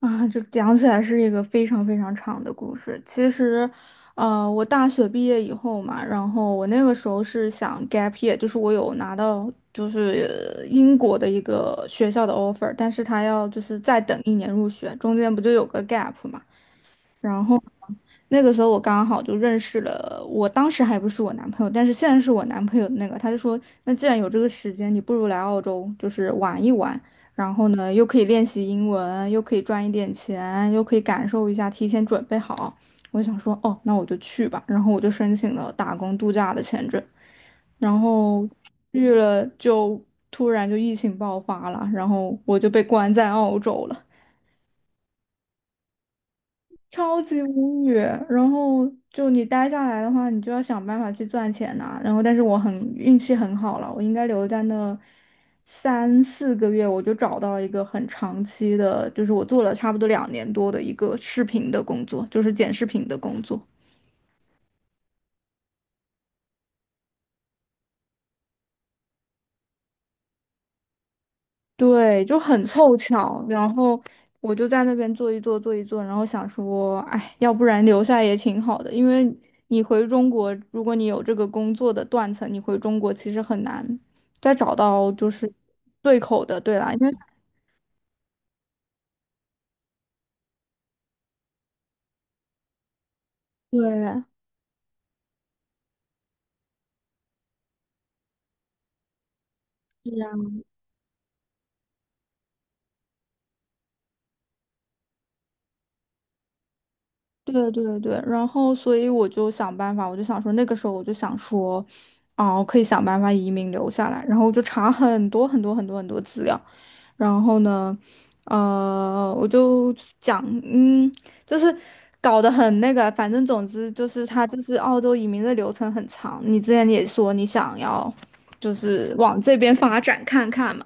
啊，就讲起来是一个非常非常长的故事。其实，我大学毕业以后嘛，然后我那个时候是想 gap year，就是我有拿到就是英国的一个学校的 offer，但是他要就是再等一年入学，中间不就有个 gap 嘛？然后那个时候我刚好就认识了，我当时还不是我男朋友，但是现在是我男朋友的那个，他就说，那既然有这个时间，你不如来澳洲，就是玩一玩，然后呢，又可以练习英文，又可以赚一点钱，又可以感受一下，提前准备好。我就想说，哦，那我就去吧，然后我就申请了打工度假的签证，然后去了就突然就疫情爆发了，然后我就被关在澳洲了。超级无语。然后就你待下来的话，你就要想办法去赚钱呐、然后，但是我很运气很好了，我应该留在那3、4个月，我就找到一个很长期的，就是我做了差不多两年多的一个视频的工作，就是剪视频的工作。对，就很凑巧，然后我就在那边坐一坐，然后想说，哎，要不然留下也挺好的，因为你回中国，如果你有这个工作的断层，你回中国其实很难再找到就是对口的，对啦，因为对。对对对，然后所以我就想办法，我就想说那个时候我就想说，啊，我可以想办法移民留下来，然后我就查很多很多很多很多资料，然后呢，我就讲，就是搞得很那个，反正总之就是他就是澳洲移民的流程很长，你之前也说你想要就是往这边发展看看嘛。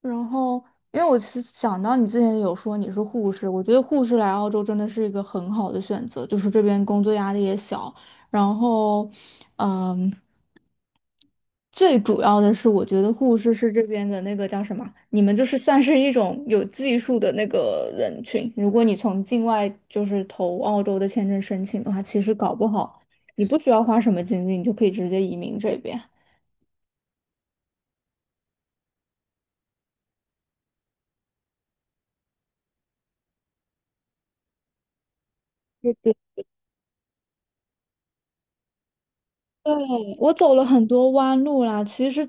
然后，因为我是想到你之前有说你是护士，我觉得护士来澳洲真的是一个很好的选择，就是这边工作压力也小，然后，嗯，最主要的是我觉得护士是这边的那个叫什么，你们就是算是一种有技术的那个人群，如果你从境外就是投澳洲的签证申请的话，其实搞不好你不需要花什么精力，你就可以直接移民这边。我走了很多弯路啦。其实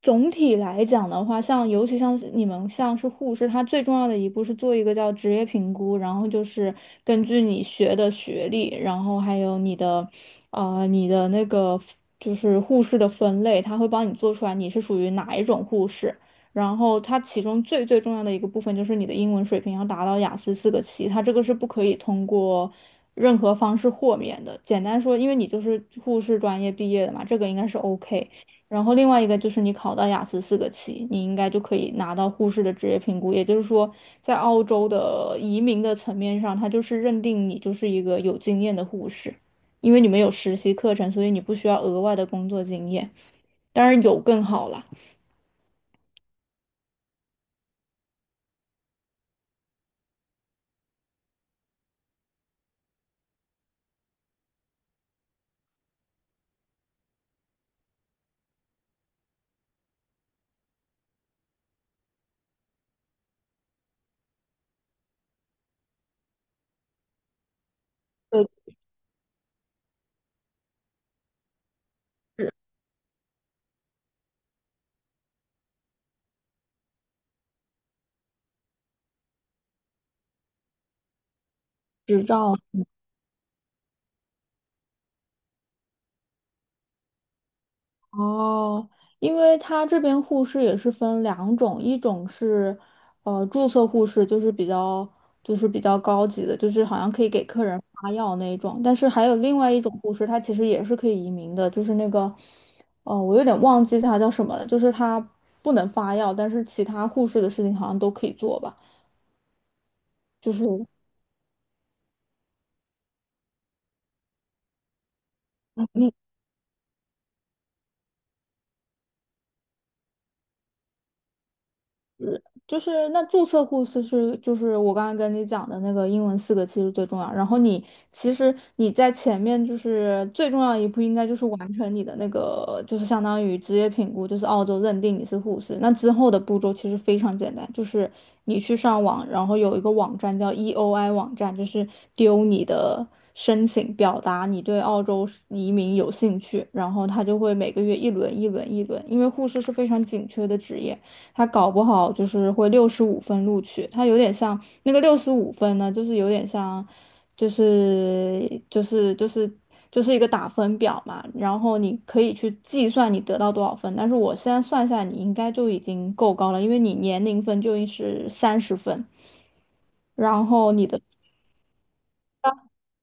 总体来讲的话，像尤其像是你们像是护士，它最重要的一步是做一个叫职业评估，然后就是根据你学的学历，然后还有你的那个就是护士的分类，它会帮你做出来你是属于哪一种护士。然后它其中最最重要的一个部分就是你的英文水平要达到雅思四个七，它这个是不可以通过任何方式豁免的。简单说，因为你就是护士专业毕业的嘛，这个应该是 OK。然后另外一个就是你考到雅思四个七，你应该就可以拿到护士的职业评估。也就是说，在澳洲的移民的层面上，它就是认定你就是一个有经验的护士，因为你们有实习课程，所以你不需要额外的工作经验。当然有更好啦，呃，执照。哦，因为他这边护士也是分两种，一种是，注册护士，就是比较高级的，就是好像可以给客人发药那一种。但是还有另外一种护士，他其实也是可以移民的，就是那个，哦，我有点忘记他叫什么了，就是他不能发药，但是其他护士的事情好像都可以做吧，就是。就是那注册护士是就是我刚刚跟你讲的那个英文四个其实最重要，然后你其实你在前面就是最重要一步应该就是完成你的那个就是相当于职业评估，就是澳洲认定你是护士。那之后的步骤其实非常简单，就是你去上网，然后有一个网站叫 EOI 网站，就是丢你的申请，表达你对澳洲移民有兴趣，然后他就会每个月一轮一轮一轮，因为护士是非常紧缺的职业。他搞不好就是会六十五分录取，他有点像那个六十五分呢，就是有点像，就是就是就是就是一个打分表嘛，然后你可以去计算你得到多少分，但是我现在算下来，你应该就已经够高了，因为你年龄分就是三十分，然后你的。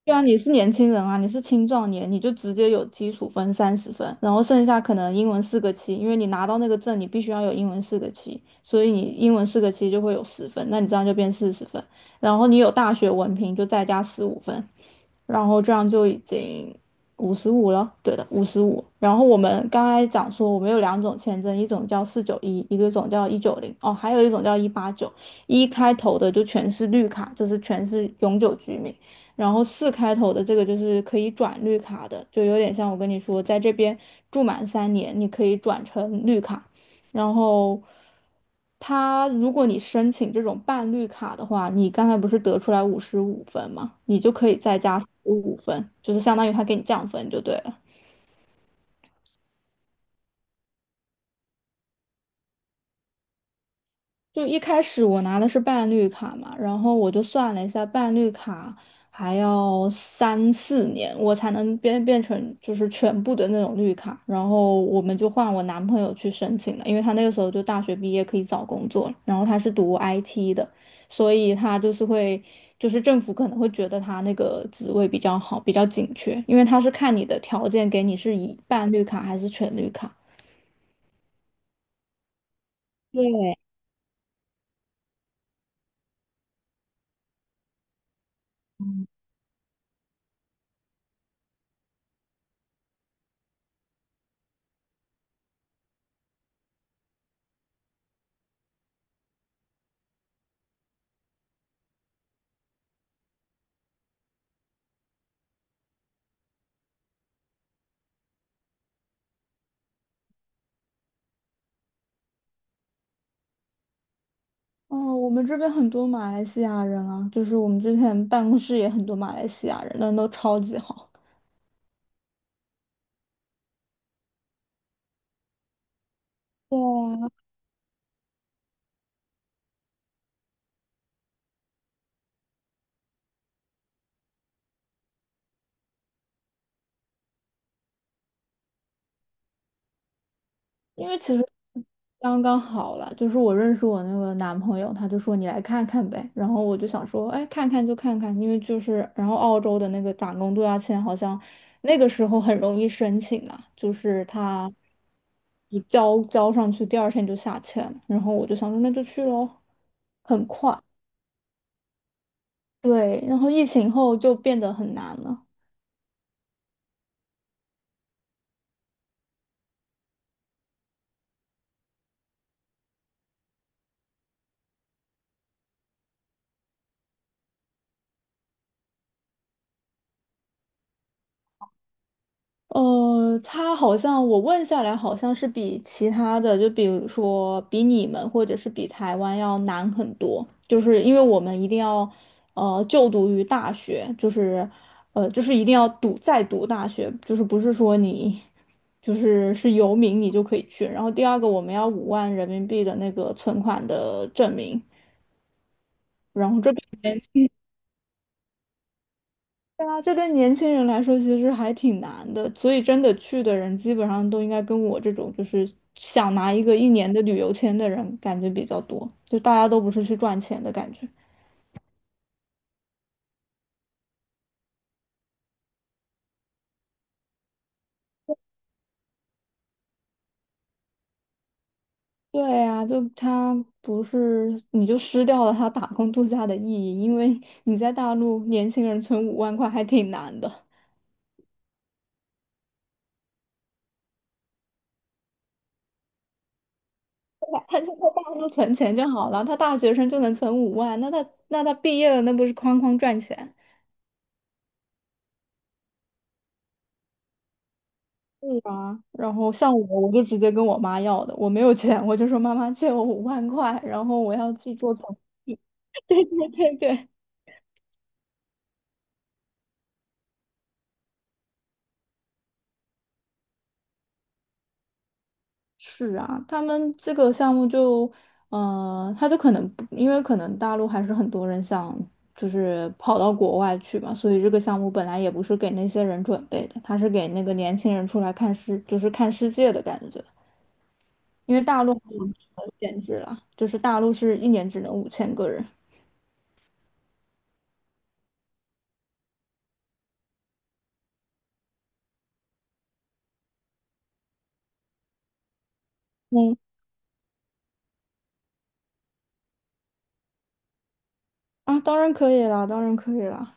对啊，你是年轻人啊，你是青壮年，你就直接有基础分三十分，然后剩下可能英文四个七，因为你拿到那个证，你必须要有英文四个七，所以你英文四个七就会有十分，那你这样就变40分，然后你有大学文凭就再加十五分，然后这样就已经五十五了，对的，五十五。然后我们刚才讲说，我们有两种签证，一种叫491，一个种叫190，哦，还有一种叫189，一开头的就全是绿卡，就是全是永久居民。然后四开头的这个就是可以转绿卡的，就有点像我跟你说，在这边住满3年，你可以转成绿卡。然后，他如果你申请这种半绿卡的话，你刚才不是得出来55分吗？你就可以再加五分，就是相当于他给你降分就对了。就一开始我拿的是伴绿卡嘛，然后我就算了一下，伴绿卡还要3、4年我才能变成就是全部的那种绿卡，然后我们就换我男朋友去申请了，因为他那个时候就大学毕业可以找工作了，然后他是读 IT 的，所以他就是会就是政府可能会觉得他那个职位比较好，比较紧缺，因为他是看你的条件给你是以伴绿卡还是全绿卡。哦，我们这边很多马来西亚人啊，就是我们之前办公室也很多马来西亚人，人都超级好。对啊，因为其实刚刚好了，就是我认识我那个男朋友，他就说你来看看呗，然后我就想说，哎，看看就看看，因为就是然后澳洲的那个打工度假签好像那个时候很容易申请嘛，就是他就交交上去，第二天就下签了，然后我就想说那就去喽。对，然后疫情后就变得很难了。他好像我问下来，好像是比其他的，就比如说比你们或者是比台湾要难很多，就是因为我们一定要就读于大学，就是一定要读再读大学，就是不是说你就是是游民你就可以去。然后第二个我们要5万人民币的那个存款的证明，然后这边。对啊，这对年轻人来说其实还挺难的，所以真的去的人基本上都应该跟我这种就是想拿一个一年的旅游签的人感觉比较多，就大家都不是去赚钱的感觉。对啊，就他不是，你就失掉了他打工度假的意义，因为你在大陆年轻人存五万块还挺难的，对吧他就在大陆存钱就好了，他大学生就能存五万，那他那他毕业了那不是哐哐赚钱？是啊，然后像我，我就直接跟我妈要的，我没有钱，我就说妈妈借我五万块，然后我要去做成。对对对对，是啊，他们这个项目就，他就可能不，因为可能大陆还是很多人想就是跑到国外去嘛，所以这个项目本来也不是给那些人准备的，他是给那个年轻人出来看世，就是看世界的感觉。因为大陆还有限制啦，就是大陆是一年只能5000个人。嗯啊，当然可以啦，当然可以啦。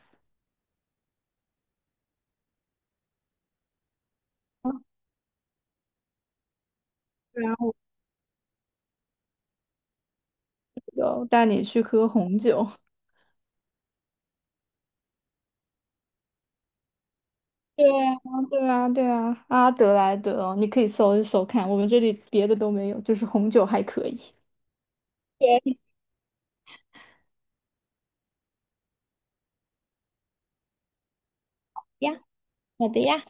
然后就带你去喝红酒。对啊，对啊，对啊，阿德莱德哦，你可以搜一搜看，我们这里别的都没有，就是红酒还可以。对呀，好的呀。